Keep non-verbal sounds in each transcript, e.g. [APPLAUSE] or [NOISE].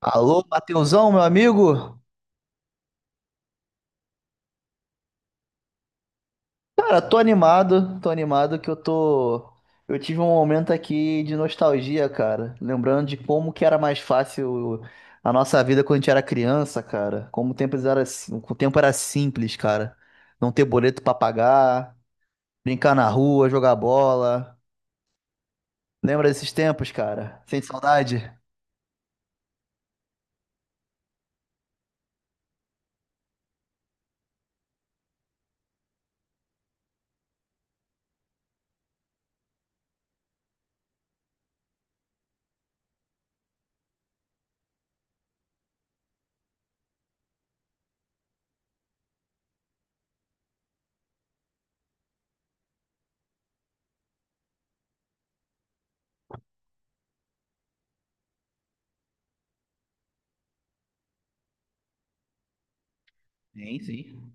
Alô, Matheusão, meu amigo? Cara, tô animado, que eu tô. Eu tive um momento aqui de nostalgia, cara. Lembrando de como que era mais fácil a nossa vida quando a gente era criança, cara. Como o tempo era, o tempo era simples, cara. Não ter boleto pra pagar, brincar na rua, jogar bola. Lembra desses tempos, cara? Sente saudade? Sim, sim.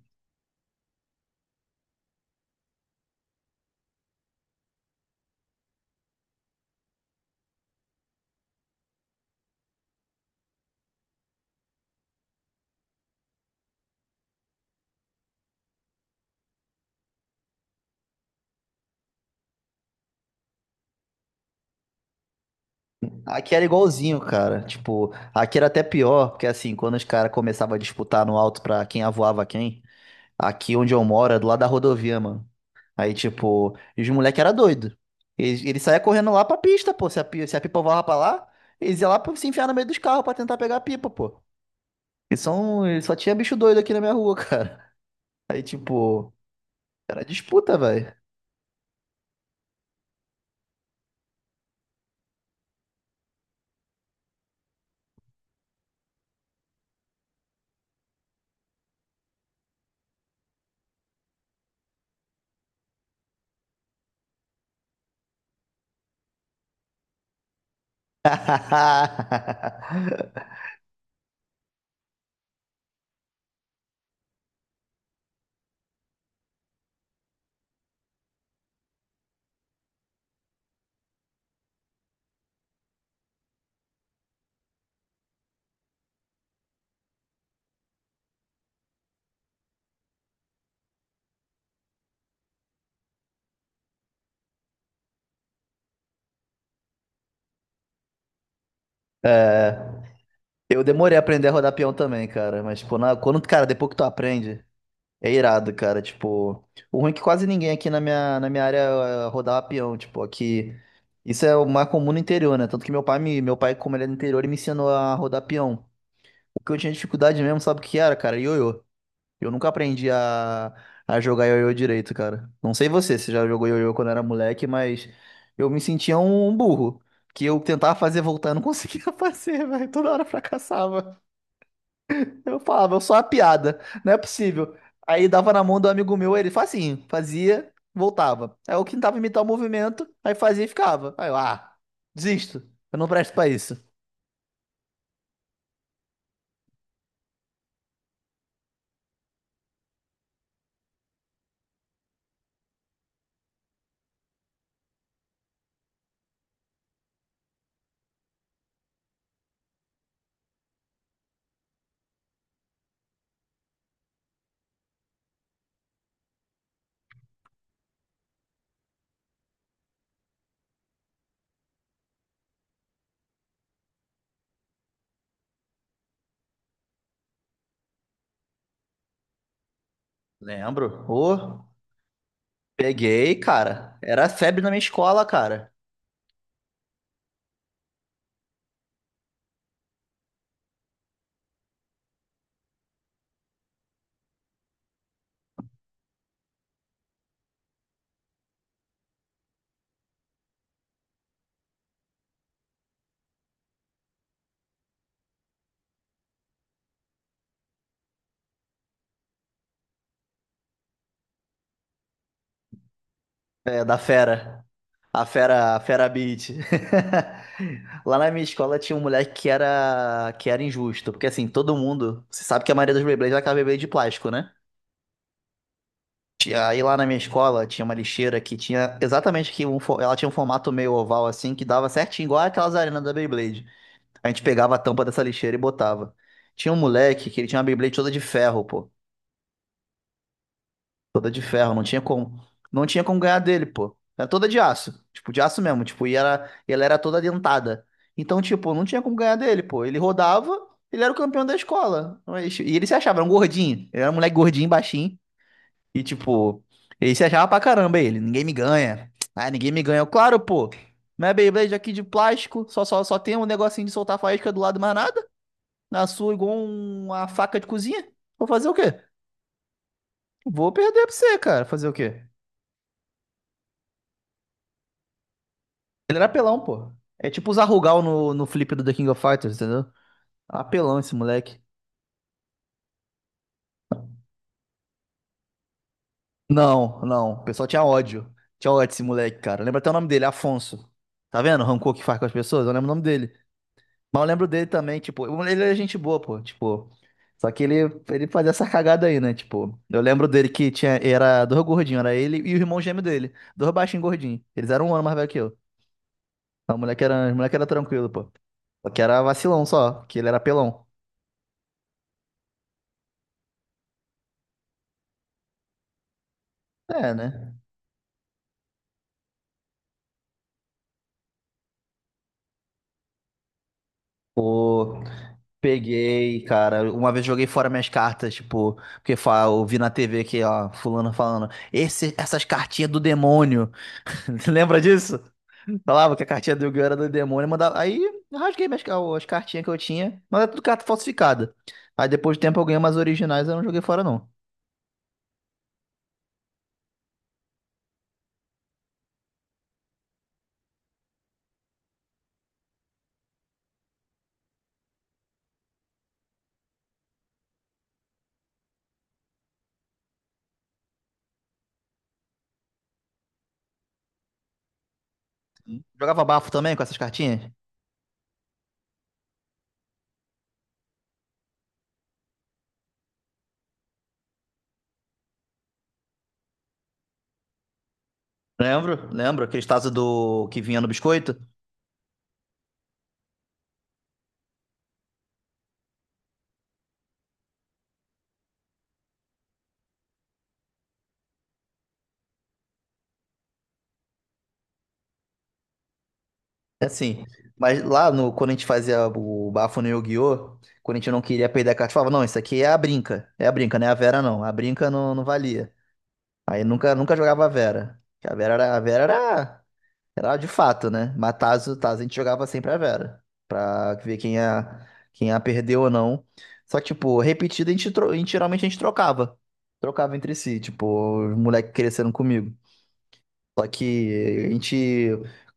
Aqui era igualzinho, cara. Tipo, aqui era até pior, porque assim, quando os caras começavam a disputar no alto pra quem avoava quem. Aqui onde eu moro, é do lado da rodovia, mano. Aí, tipo, e os moleques era doido. Eles saía correndo lá pra pista, pô. Se a pipa voava pra lá, eles iam lá pra se enfiar no meio dos carros pra tentar pegar a pipa, pô. E só tinha bicho doido aqui na minha rua, [LAUGHS] cara. Aí, tipo, era disputa, velho. [LAUGHS] Eu demorei a aprender a rodar peão também, cara. Mas, tipo, quando, cara, depois que tu aprende. É irado, cara. Tipo, o ruim é que quase ninguém aqui na minha área rodava peão. Tipo, aqui. Isso é o mais comum no interior, né? Tanto que meu pai, como ele é do interior, ele me ensinou a rodar peão. O que eu tinha dificuldade mesmo, sabe o que era, cara? Ioiô. Eu nunca aprendi a jogar ioiô direito, cara. Não sei você, se já jogou ioiô quando era moleque, mas eu me sentia um burro. Que eu tentava fazer voltar, eu não conseguia [LAUGHS] fazer, velho. Toda hora fracassava. Eu falava, eu sou uma piada, não é possível. Aí dava na mão do amigo meu, ele fazia, assim, fazia, voltava. Aí eu tentava imitar o movimento, aí fazia e ficava. Aí eu, ah, desisto, eu não presto pra isso. Lembro, ô, peguei, cara. Era febre na minha escola, cara. É, da fera. A fera, a fera beat. [LAUGHS] Lá na minha escola tinha um moleque que era injusto, porque assim, todo mundo, você sabe que a maioria dos Beyblades é aquela Beyblade de plástico, né? Aí lá na minha escola tinha uma lixeira que tinha exatamente ela tinha um formato meio oval assim que dava certinho, igual aquelas arenas da Beyblade. A gente pegava a tampa dessa lixeira e botava. Tinha um moleque que ele tinha uma Beyblade toda de ferro, pô. Toda de ferro, não tinha como ganhar dele, pô. Era toda de aço, tipo de aço mesmo, tipo, e era, e ela era toda dentada. Então, tipo, não tinha como ganhar dele, pô. Ele rodava, ele era o campeão da escola. E ele se achava, era um gordinho. Ele era um moleque gordinho, baixinho. E tipo, ele se achava pra caramba ele. Ninguém me ganha. Ah, ninguém me ganha. Eu, claro, pô. Minha Beyblade aqui de plástico, só tem um negocinho de soltar faísca do lado, mais nada. Na sua, uma faca de cozinha. Vou fazer o quê? Vou perder pra você, cara. Fazer o quê? Ele era apelão, pô. É tipo usar Rugal no flip do The King of Fighters, entendeu? Apelão esse moleque. Não, não. O pessoal tinha ódio. Tinha ódio desse moleque, cara. Lembra até o nome dele, Afonso. Tá vendo o rancor que faz com as pessoas? Eu lembro o nome dele. Mas eu lembro dele também, tipo, ele é gente boa, pô, tipo. Só que ele fazia essa cagada aí, né? Tipo, eu lembro dele que tinha, era dois gordinhos, era ele e o irmão gêmeo dele. Dois baixinhos gordinhos. Eles eram um ano mais velho que eu. Então, o moleque era tranquilo, pô. Só que era vacilão só, que ele era pelão. É, né? Pô, peguei, cara. Uma vez joguei fora minhas cartas, tipo, porque eu vi na TV que, ó, fulano falando, esse, essas cartinhas do demônio. [LAUGHS] Lembra disso? Falava que a cartinha do Yu-Gi-Oh! Era do demônio, mandava. Aí eu rasguei as cartinhas que eu tinha, mas era tudo carta falsificada. Aí depois de tempo eu ganhei umas originais, eu não joguei fora, não. Jogava bafo também com essas cartinhas? Lembro, lembro, aqueles tazos do que vinha no biscoito. É assim. Mas lá no, quando a gente fazia o bafo no Yu-Gi-Oh! Quando a gente não queria perder a carta, falava, não, isso aqui é a brinca. É a brinca, não é a Vera, não. A brinca não, não valia. Aí nunca, nunca jogava a Vera. Porque a Vera era era de fato, né? Mas Tazo, Tazo a gente jogava sempre a Vera. Pra ver quem a perdeu ou não. Só que, tipo, repetida a gente geralmente a gente trocava. Trocava entre si, tipo, os moleques cresceram comigo. Só que a gente,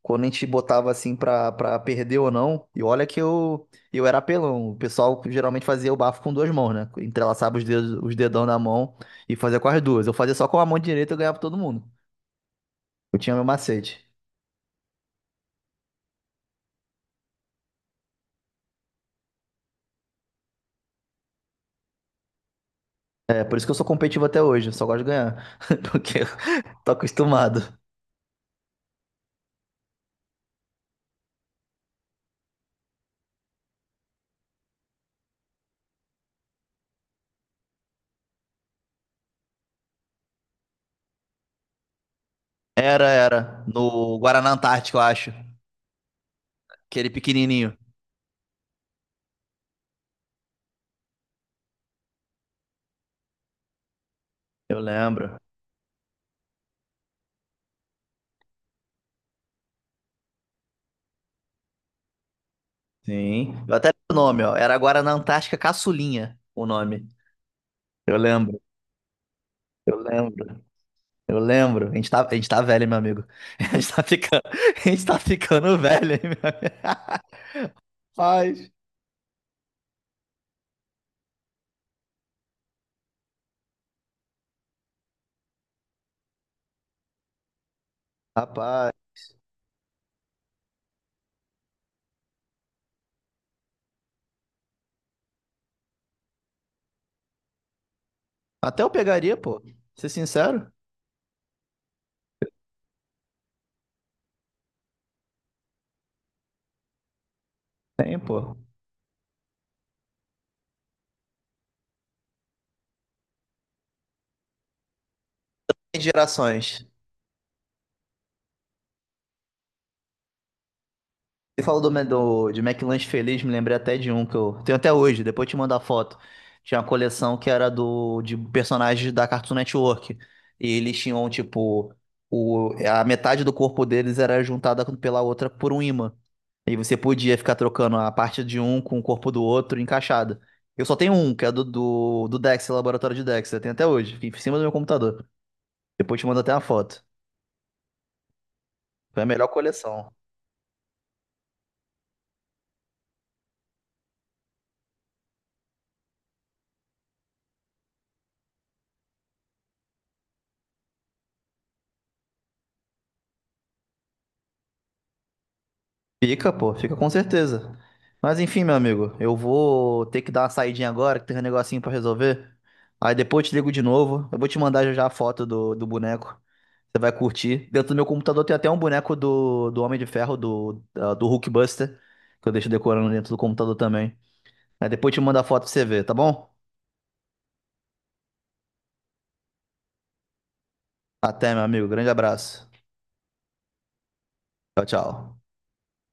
quando a gente botava assim pra perder ou não, e olha que eu era apelão. O pessoal geralmente fazia o bafo com duas mãos, né? Entrelaçava os dedos, os dedão da mão e fazia com as duas. Eu fazia só com a mão direita e eu ganhava todo mundo. Eu tinha meu macete. É por isso que eu sou competitivo até hoje, eu só gosto de ganhar. [LAUGHS] Porque eu tô acostumado. Era, era. No Guaraná Antártico, eu acho. Aquele pequenininho. Eu lembro. Sim. Eu até lembro o nome, ó. Era Guaraná Antártica Caçulinha, o nome. Eu lembro. Eu lembro. Eu lembro. A gente tá velho, hein, meu amigo. [LAUGHS] A gente tá ficando, [LAUGHS] a gente tá ficando velho, hein, meu amigo. [LAUGHS] Rapaz. Rapaz. Até eu pegaria, pô. Ser sincero. Tem, pô. Tem gerações. Você falou de McLanche Feliz, me lembrei até de um que eu tenho até hoje, depois eu te mando a foto. Tinha uma coleção que era do, de personagens da Cartoon Network. E eles tinham, tipo, a metade do corpo deles era juntada pela outra por um ímã. E você podia ficar trocando a parte de um com o corpo do outro encaixada. Eu só tenho um, que é do Dexter, Laboratório de Dexter. Eu tenho até hoje, fica em cima do meu computador. Depois eu te mando até uma foto. Foi a melhor coleção. Fica, pô, fica com certeza. Mas enfim, meu amigo, eu vou ter que dar uma saidinha agora, que tem um negocinho pra resolver. Aí depois eu te ligo de novo. Eu vou te mandar já já a foto do boneco. Você vai curtir. Dentro do meu computador tem até um boneco do Homem de Ferro, do Hulkbuster, que eu deixo decorando dentro do computador também. Aí depois eu te mando a foto pra você ver, tá bom? Até, meu amigo. Grande abraço. Tchau, tchau.